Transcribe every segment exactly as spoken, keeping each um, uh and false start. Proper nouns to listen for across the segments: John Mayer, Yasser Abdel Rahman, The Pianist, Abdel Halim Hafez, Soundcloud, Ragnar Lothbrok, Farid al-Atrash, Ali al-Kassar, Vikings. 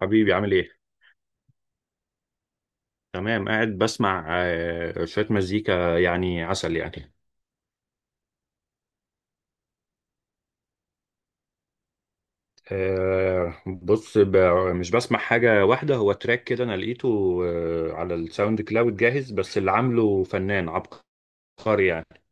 حبيبي عامل ايه؟ تمام، قاعد بسمع آه، شوية مزيكا، يعني عسل يعني. آه، بص، ب- مش بسمع حاجة واحدة، هو تراك كده أنا لقيته آه، على الساوند كلاود جاهز، بس اللي عامله فنان عبقري يعني.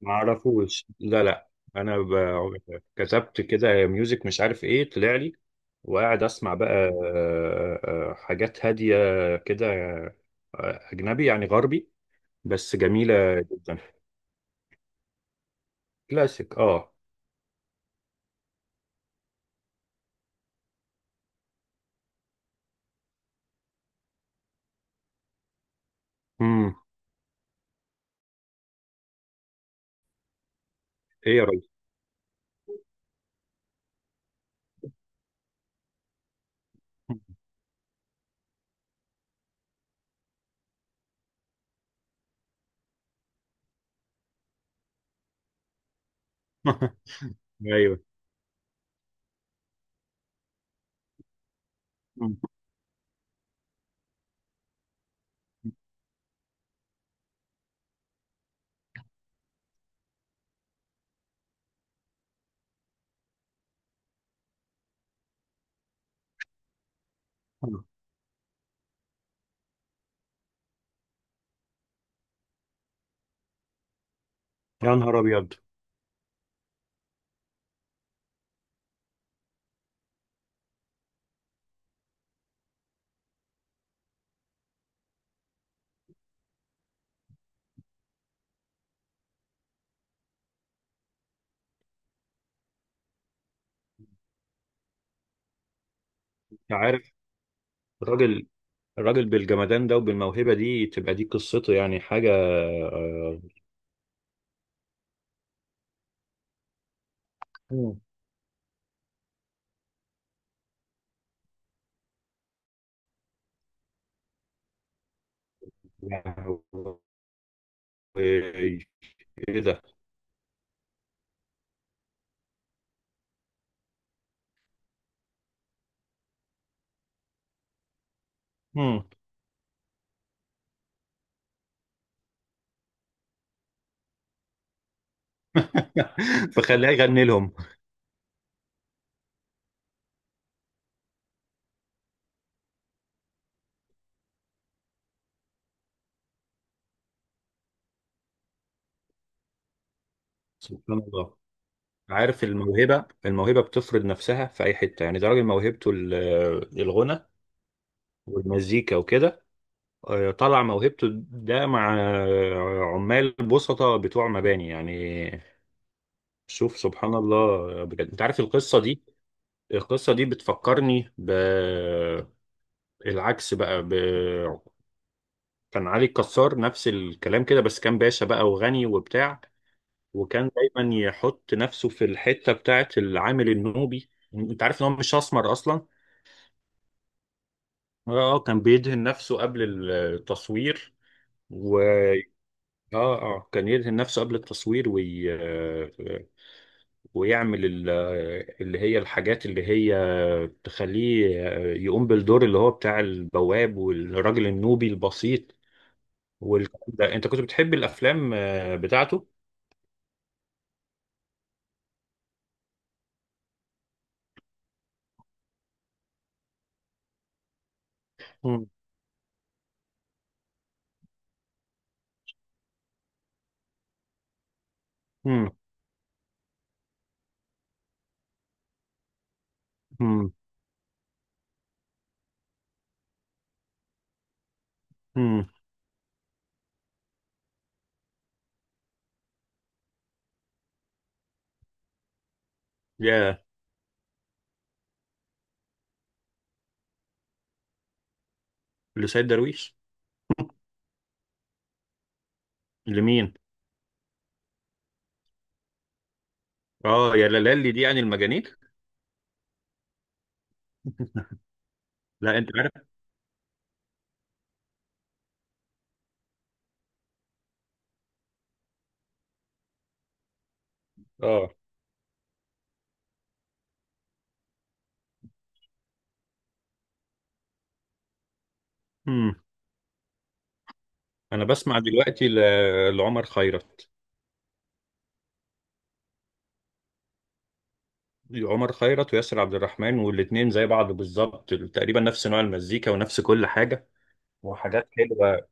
معرفوش، لا لا. أنا ب- كتبت كده ميوزك مش عارف ايه طلع لي، وقاعد أسمع بقى آه، آه، حاجات هادية كده. آه، أجنبي يعني غربي، بس جميلة جدا. كلاسيك، اه. ايه يا راجل! ايوه. يا نهار ابيض! انت عارف الراجل، الراجل بالجمدان ده وبالموهبه دي، تبقى دي قصته يعني حاجه آه، مم. ايه ده. مم. فخلاه يغني لهم. سبحان الله. عارف الموهبه، الموهبه بتفرض نفسها في اي حته، يعني ده راجل موهبته ال- الغنى والمزيكا وكده. آه، طلع موهبته ده مع آه، عمال بسطة بتوع مباني يعني. شوف سبحان الله بجد، انت عارف القصه دي؟ القصه دي بتفكرني بالعكس بقى ب... كان علي الكسار نفس الكلام كده، بس كان باشا بقى وغني وبتاع. وكان دايما يحط نفسه في الحته بتاعه العامل النوبي، انت عارف ان هو مش اسمر اصلا؟ اه، كان بيدهن نفسه قبل التصوير و اه اه، كان يدهن نفسه قبل التصوير وي... ويعمل ال- اللي هي الحاجات اللي هي تخليه يقوم بالدور اللي هو بتاع البواب والراجل النوبي البسيط والكلام ده. انت كنت بتحب الافلام آه، بتاعته؟ مم. مم. مم. مم. يا. لسيد درويش. لمين. اه. يا لالي دي يعني المجانين. لا، انت عارف. اه. مم. انا بسمع دلوقتي ل- لعمر خيرت. عمر خيرت وياسر عبد الرحمن، والاتنين زي بعض بالظبط، تقريبا نفس نوع المزيكا ونفس كل حاجة، وحاجات حلوة.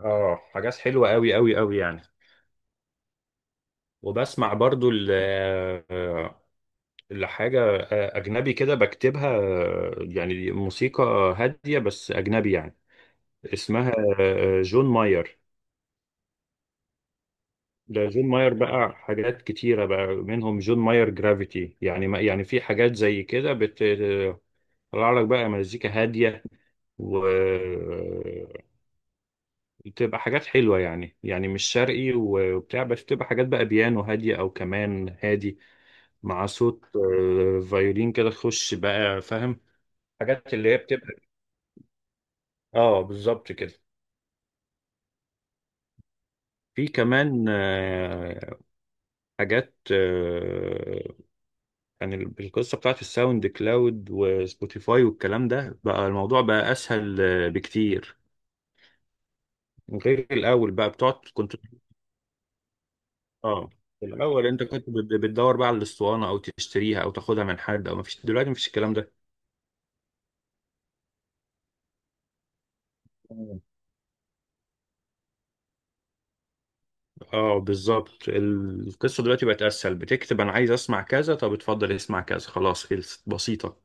اه، حاجات حلوة قوي قوي قوي يعني. وبسمع برضو ال- آه، لحاجة آه، أجنبي كده بكتبها، آه، يعني موسيقى هادية بس أجنبي يعني. اسمها آه، جون ماير. ده جون ماير بقى حاجات كتيرة، بقى منهم جون ماير جرافيتي يعني، ما يعني في حاجات زي كده بتطلع لك بقى مزيكا هادية، وتبقى حاجات حلوة يعني. يعني مش شرقي وبتاع، بس بتبقى حاجات بقى بيانو هادية أو كمان هادي، مع صوت آه، فيولين كده تخش بقى فاهم. حاجات اللي هي بتبقى، اه بالظبط كده. في كمان آه، حاجات آه، يعني، القصة بتاعت الساوند كلاود وسبوتيفاي والكلام ده، بقى الموضوع بقى أسهل آه، بكتير، غير الأول بقى بتقعد كنت. اه. الأول أنت كنت بت- بتدور بقى على الأسطوانة، أو تشتريها أو تاخدها من حد، أو مفيش دلوقتي، مفيش الكلام ده. اه بالظبط، القصة دلوقتي بقت اسهل. بتكتب انا عايز اسمع كذا، طب اتفضل اسمع كذا، خلاص خلصت، بسيطة.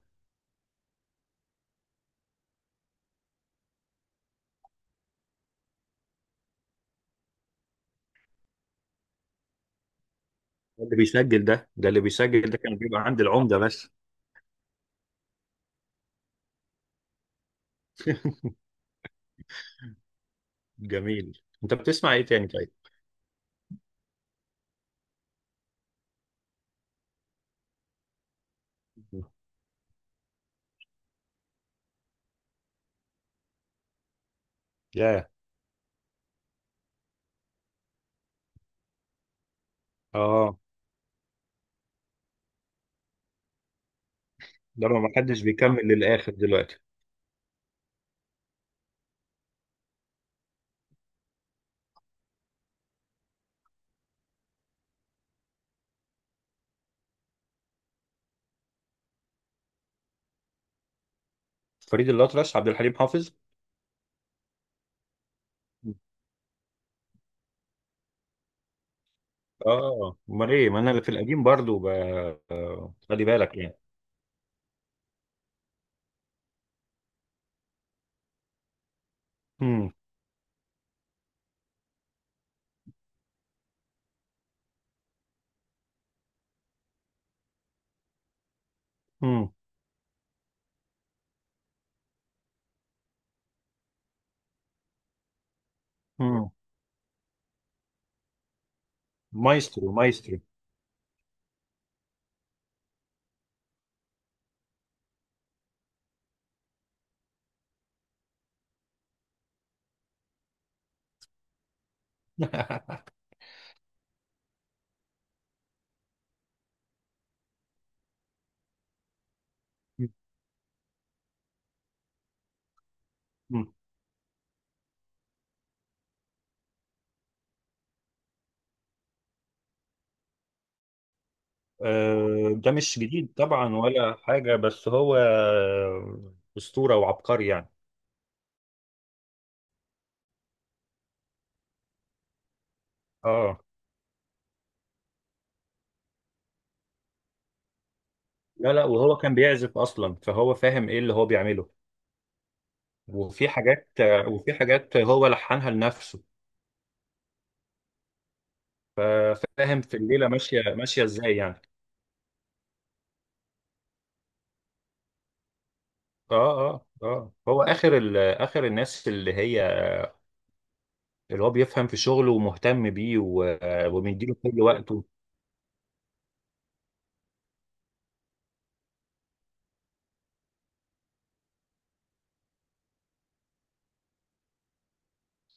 اللي بيسجل ده، ده اللي بيسجل ده كان بيبقى عند العمدة بس. جميل، انت بتسمع ايه تاني طيب؟ ياه. اه. ده ما حدش بيكمل للاخر دلوقتي. فريد الأطرش، عبد الحليم حافظ. اه، امال ايه، ما انا اللي في القديم برضو ب... آه، خلي بالك يعني. امم. امم. امم. مايسترو مايسترو. آه، ده مش جديد طبعا ولا حاجة، بس هو آه، أسطورة وعبقري يعني. اه. لا لا، وهو كان بيعزف أصلا، فهو فاهم إيه اللي هو بيعمله. وفي حاجات آه، وفي حاجات هو لحنها لنفسه. ففاهم في الليلة ماشية ماشية إزاي يعني. اه اه اه، هو آخر ال- آخر الناس اللي هي اللي هو بيفهم في شغله ومهتم بيه و- آه، وبيديله كل وقته.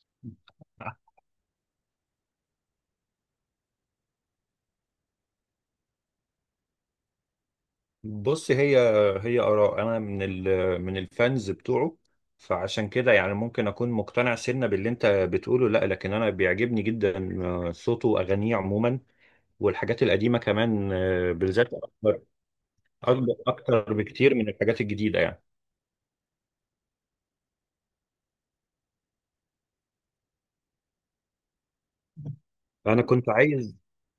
بص، هي هي آراء، أنا من ال من الفانز بتوعه، فعشان كده يعني ممكن أكون مقتنع سنة باللي أنت بتقوله. لا، لكن أنا بيعجبني جدا آه، صوته وأغانيه عموما، والحاجات القديمة كمان آه، بالذات أكتر، أكبر أكتر بكتير من الحاجات الجديدة يعني. أنا كنت عايز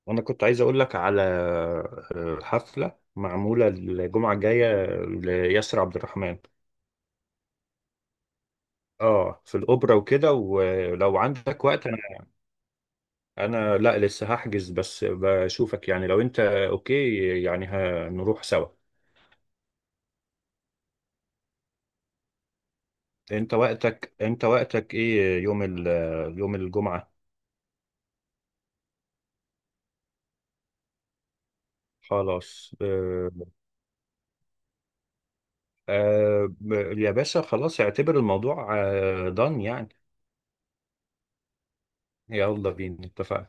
أنا كنت عايز أقول لك على آه، حفلة معمولة الجمعة الجاية لياسر عبد الرحمن. اه، في الاوبرا وكده، ولو عندك وقت. انا لا، لسه هحجز، بس بشوفك يعني لو انت اوكي، يعني هنروح سوا. انت وقتك، انت وقتك ايه يوم ال... يوم الجمعة؟ خلاص. آه... آه... يا باشا خلاص، اعتبر الموضوع دان يعني. يلا بينا، اتفقنا.